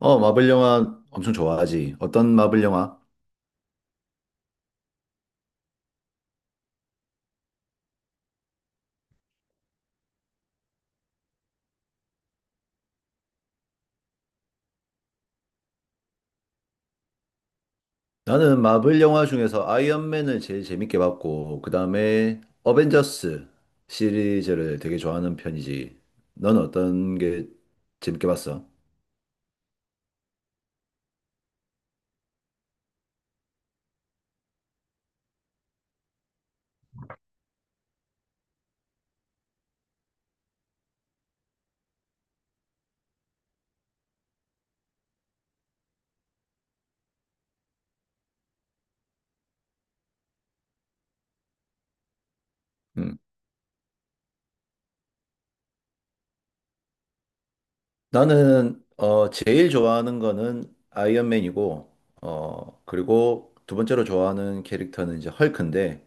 마블 영화 엄청 좋아하지. 어떤 마블 영화? 나는 마블 영화 중에서 아이언맨을 제일 재밌게 봤고, 그 다음에 어벤져스 시리즈를 되게 좋아하는 편이지. 넌 어떤 게 재밌게 봤어? 음. 나는, 제일 좋아하는 거는 아이언맨이고, 그리고 두 번째로 좋아하는 캐릭터는 이제 헐크인데,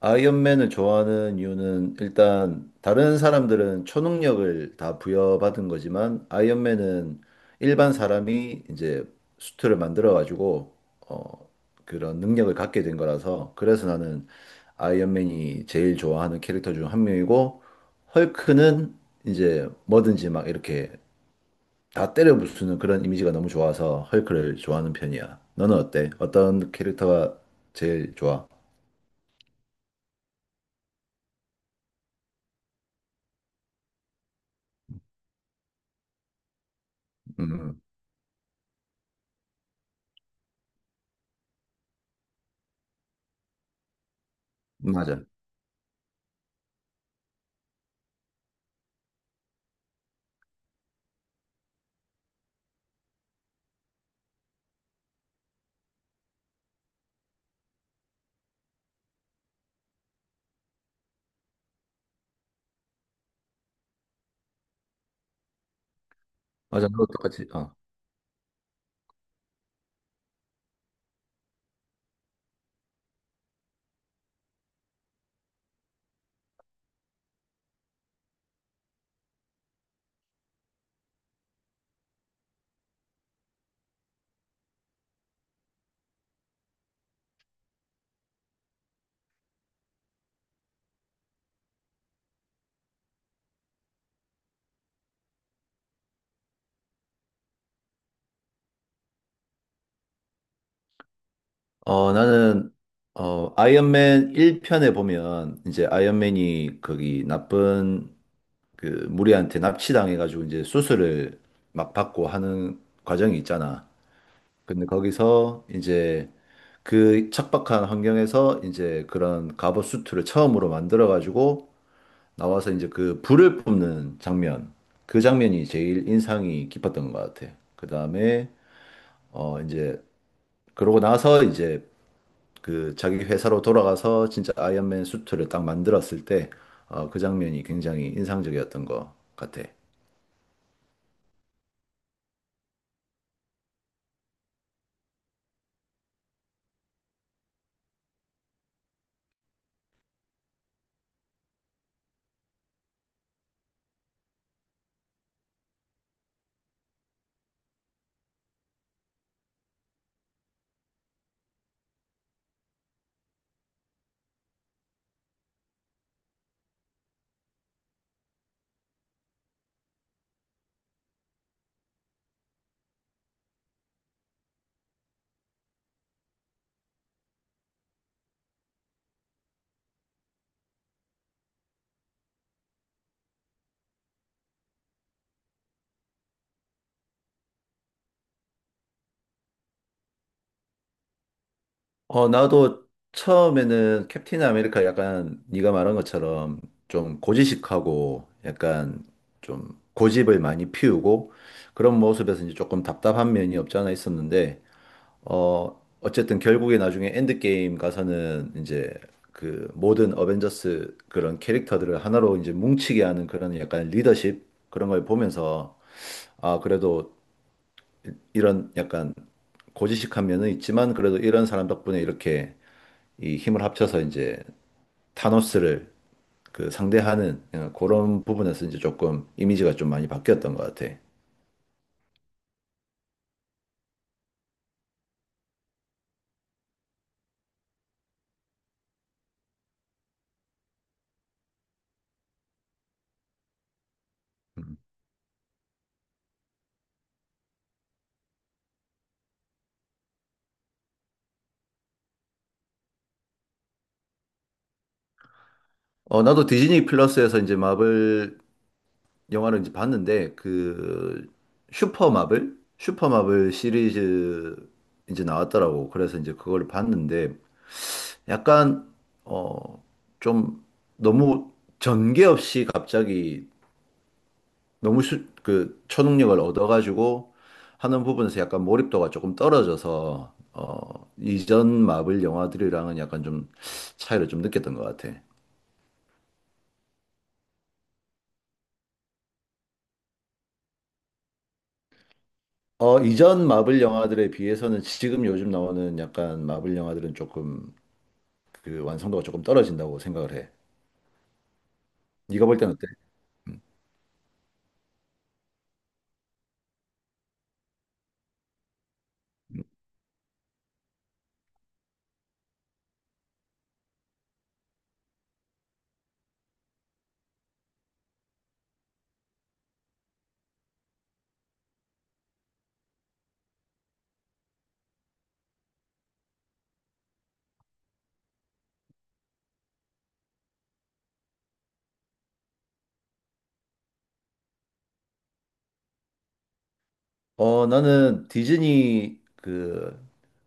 아이언맨을 좋아하는 이유는 일단 다른 사람들은 초능력을 다 부여받은 거지만 아이언맨은 일반 사람이 이제 수트를 만들어 가지고 어 그런 능력을 갖게 된 거라서 그래서 나는 아이언맨이 제일 좋아하는 캐릭터 중 한 명이고, 헐크는 이제 뭐든지 막 이렇게 다 때려 부수는 그런 이미지가 너무 좋아서 헐크를 좋아하는 편이야. 너는 어때? 어떤 캐릭터가 제일 좋아? 음, 맞아. 맞아, 너도 똑같이. 어. 나는 아이언맨 1편에 보면 이제 아이언맨이 거기 나쁜 그 무리한테 납치당해 가지고 이제 수술을 막 받고 하는 과정이 있잖아. 근데 거기서 이제 그 척박한 환경에서 이제 그런 갑옷 수트를 처음으로 만들어 가지고 나와서 이제 그 불을 뿜는 장면. 그 장면이 제일 인상이 깊었던 것 같아. 그다음에 이제 그러고 나서 이제 그 자기 회사로 돌아가서 진짜 아이언맨 수트를 딱 만들었을 때, 그 장면이 굉장히 인상적이었던 것 같아. 나도 처음에는 캡틴 아메리카 약간 네가 말한 것처럼 좀 고지식하고 약간 좀 고집을 많이 피우고 그런 모습에서 이제 조금 답답한 면이 없지 않아 있었는데 어쨌든 결국에 나중에 엔드게임 가서는 이제 그 모든 어벤져스 그런 캐릭터들을 하나로 이제 뭉치게 하는 그런 약간 리더십 그런 걸 보면서 아, 그래도 이런 약간 고지식한 면은 있지만 그래도 이런 사람 덕분에 이렇게 이 힘을 합쳐서 이제 타노스를 그 상대하는, 그런 부분에서 이제 조금 이미지가 좀 많이 바뀌었던 것 같아. 나도 디즈니 플러스에서 이제 마블 영화를 이제 봤는데 그 슈퍼마블 시리즈 이제 나왔더라고. 그래서 이제 그걸 봤는데 약간 어 좀 너무 전개 없이 갑자기 그 초능력을 얻어가지고 하는 부분에서 약간 몰입도가 조금 떨어져서 이전 마블 영화들이랑은 약간 좀 차이를 좀 느꼈던 것 같아. 어, 이전 마블 영화들에 비해서는 지금 요즘 나오는 약간 마블 영화들은 조금 그 완성도가 조금 떨어진다고 생각을 해. 네가 볼 때는 어때? 어, 나는 디즈니 그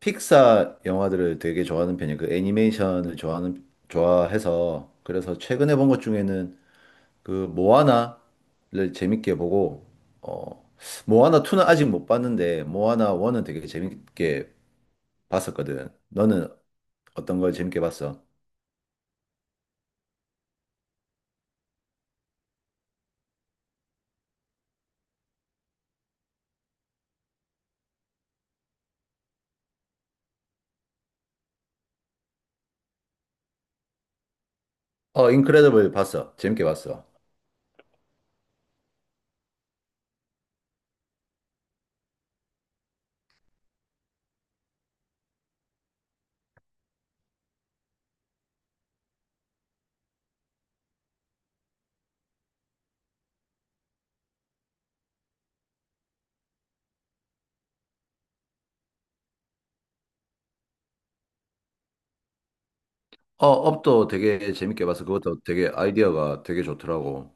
픽사 영화들을 되게 좋아하는 편이야. 그 애니메이션을 좋아하는 좋아해서 그래서 최근에 본 것 중에는 그 모아나를 재밌게 보고, 어 모아나 2는 아직 못 봤는데 모아나 1은 되게 재밌게 봤었거든. 너는 어떤 걸 재밌게 봤어? 어, 인크레더블 봤어. 재밌게 봤어. 어, 업도 되게 재밌게 봤어. 그것도 되게 아이디어가 되게 좋더라고.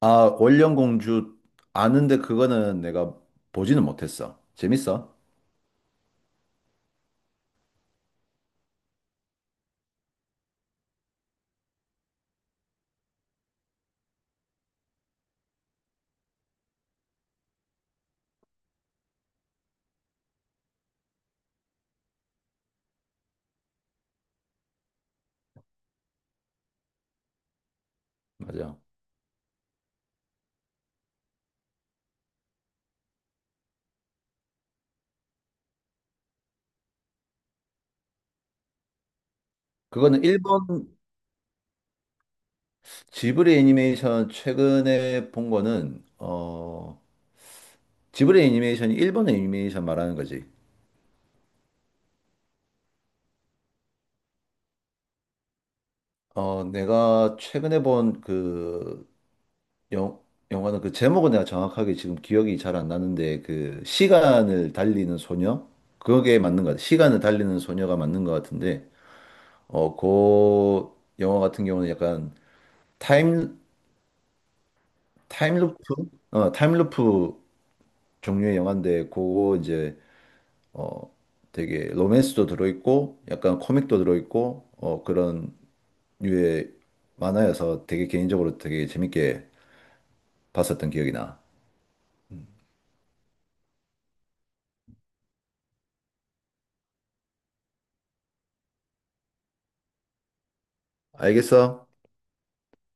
아, 월령공주 아는데 그거는 내가 보지는 못했어. 재밌어? 맞아. 그거는 일본 지브리 애니메이션 최근에 본 거는 지브리 애니메이션이 일본 애니메이션 말하는 거지. 내가 최근에 본 그 영화는 그 제목은 내가 정확하게 지금 기억이 잘 안 나는데, 그 시간을 달리는 소녀, 그게 맞는 것 같아. 시간을 달리는 소녀가 맞는 것 같은데 그 영화 같은 경우는 약간 타임, 타임루프? 어, 타임루프 종류의 영화인데 그거 이제 어 되게 로맨스도 들어있고 약간 코믹도 들어있고, 그런 류의 만화여서 되게 개인적으로 되게 재밌게 봤었던 기억이 나. 알겠어?